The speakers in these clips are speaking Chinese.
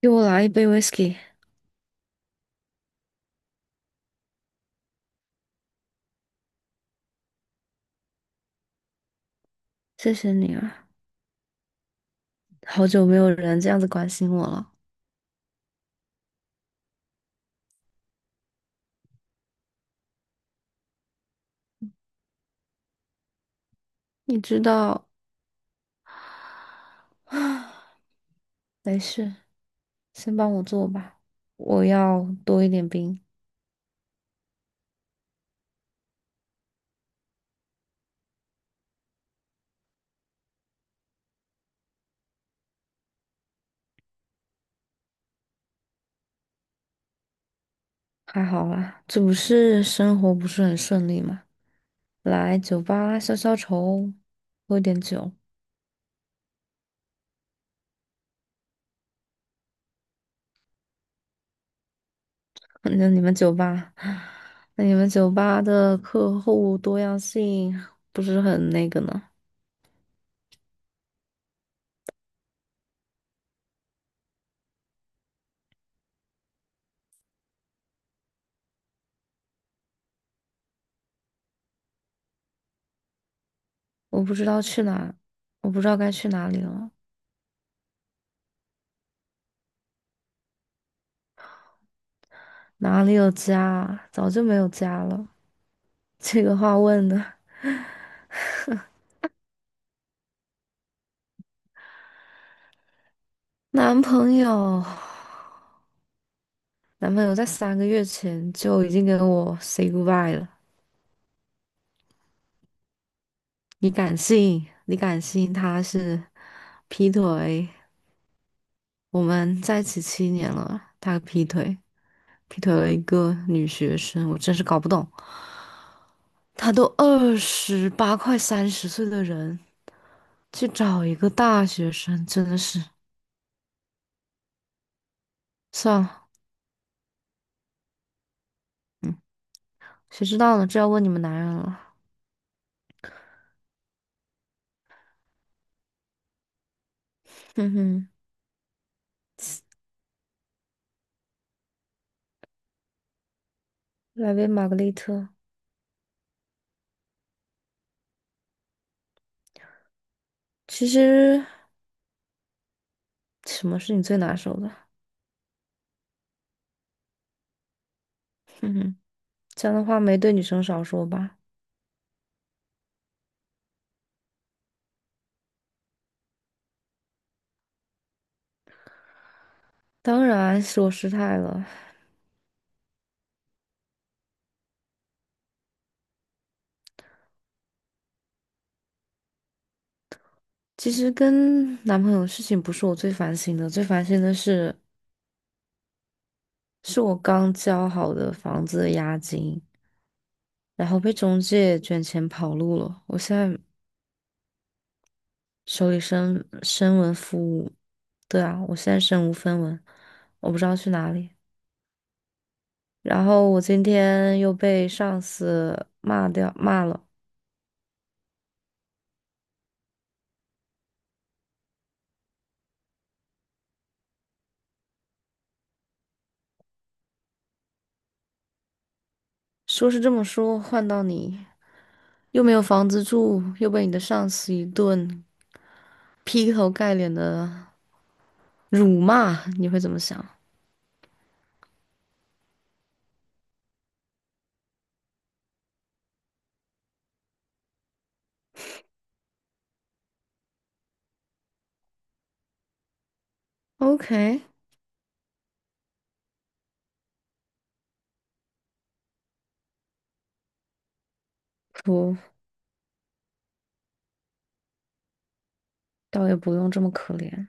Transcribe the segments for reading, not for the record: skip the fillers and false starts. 给我来一杯 whisky，谢谢你啊！好久没有人这样子关心我了。你知道，没事，先帮我做吧。我要多一点冰。还好啦，这不是生活不是很顺利吗？来酒吧消消愁，喝点酒。那你们酒吧，那你们酒吧的客户多样性不是很那个呢？我不知道去哪，我不知道该去哪里了。哪里有家啊？早就没有家了。这个话问的，男朋友，男朋友在3个月前就已经跟我 say goodbye 了。你敢信？你敢信他是劈腿？我们在一起7年了，他劈腿，劈腿了一个女学生，我真是搞不懂。他都28快30岁的人，去找一个大学生，真的是算了。谁知道呢？这要问你们男人了。哼哼。来杯玛格丽特。其实什么是你最拿手的？哼哼，这样的话没对女生少说吧。当然是我失态了。其实跟男朋友的事情不是我最烦心的，最烦心的是我刚交好的房子的押金，然后被中介卷钱跑路了。我现在手里身无分文。对啊，我现在身无分文，我不知道去哪里。然后我今天又被上司骂了。说是这么说，换到你又没有房子住，又被你的上司一顿劈头盖脸的辱骂，你会怎么想？OK，不，倒也不用这么可怜。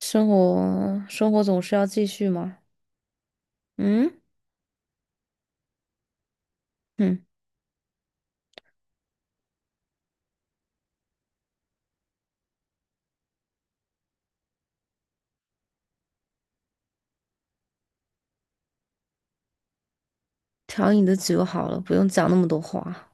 生活总是要继续嘛。嗯嗯，调你的酒好了，不用讲那么多话。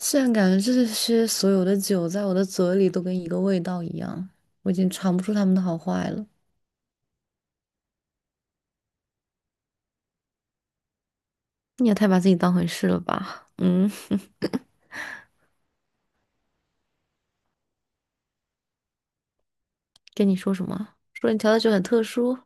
现在感觉这些所有的酒在我的嘴里都跟一个味道一样，我已经尝不出它们的好坏了。你也太把自己当回事了吧？嗯。跟你说什么？说你调的酒很特殊。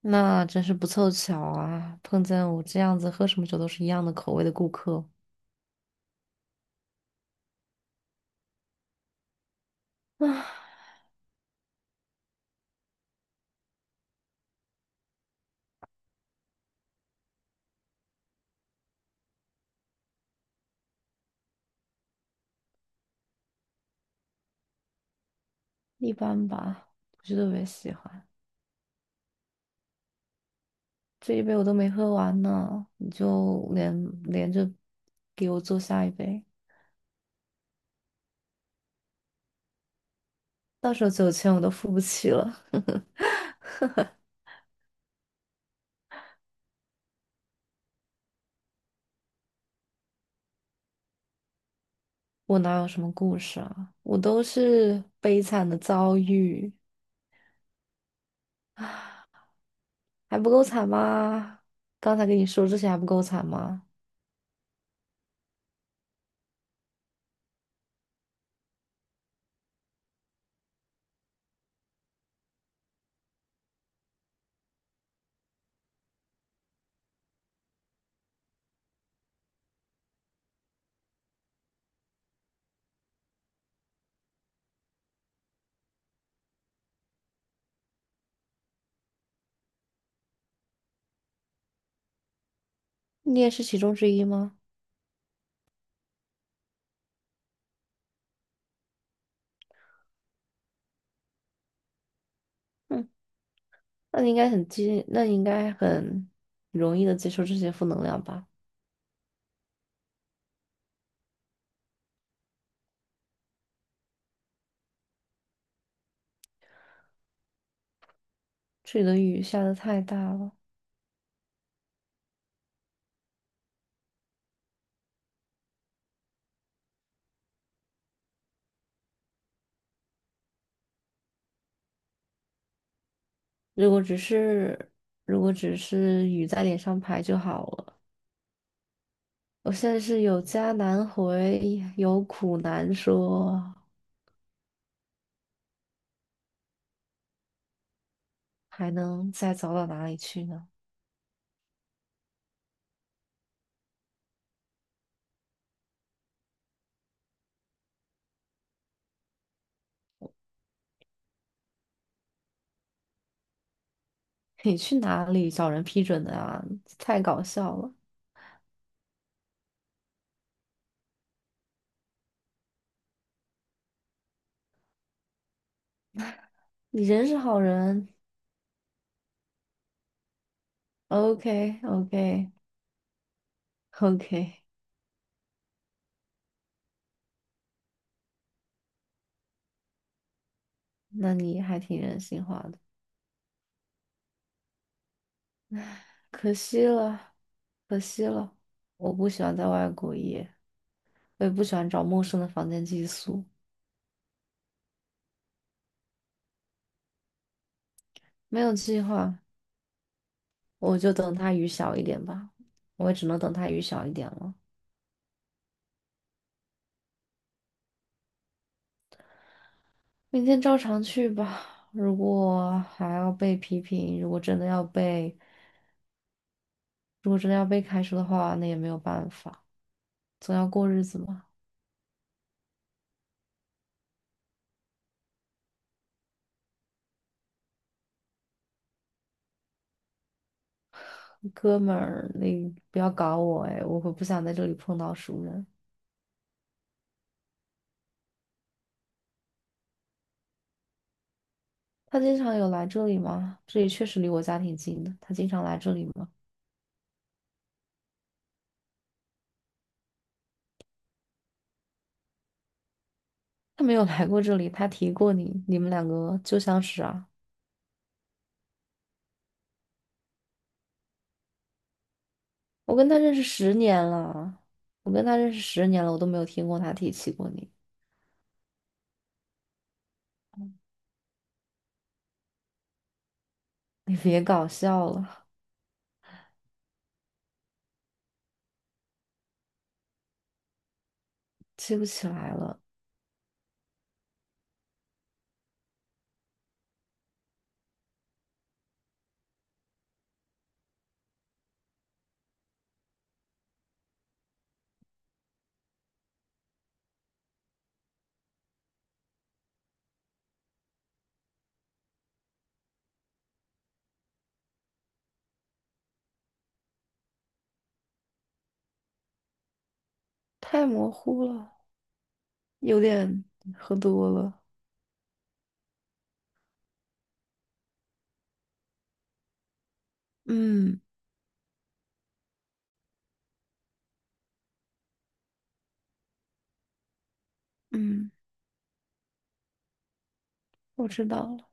那真是不凑巧啊，碰见我这样子喝什么酒都是一样的口味的顾客啊。一般吧，不是特别喜欢。这一杯我都没喝完呢，你就连着给我做下一杯，到时候酒钱我都付不起了。我哪有什么故事啊？我都是悲惨的遭遇，还不够惨吗？刚才跟你说这些还不够惨吗？你也是其中之一吗？嗯，那你应该那你应该很容易的接受这些负能量吧？这里的雨下的太大了。如果只是如果只是雨在脸上拍就好了。我现在是有家难回，有苦难说，还能再走到哪里去呢？你去哪里找人批准的啊？太搞笑了！你人是好人，OK OK OK，那你还挺人性化的。可惜了，可惜了，我不喜欢在外过夜，我也不喜欢找陌生的房间寄宿。没有计划，我就等它雨小一点吧，我也只能等它雨小一点了。明天照常去吧。如果还要被批评，如果真的要被开除的话，那也没有办法，总要过日子嘛。哥们儿，你不要搞我哎，我会不想在这里碰到熟人。他经常有来这里吗？这里确实离我家挺近的。他经常来这里吗？他没有来过这里，他提过你，你们两个旧相识啊。我跟他认识十年了，我跟他认识十年了，我都没有听过他提起过你。你别搞笑了，记不起来了，太模糊了，有点喝多了。嗯嗯，我知道了。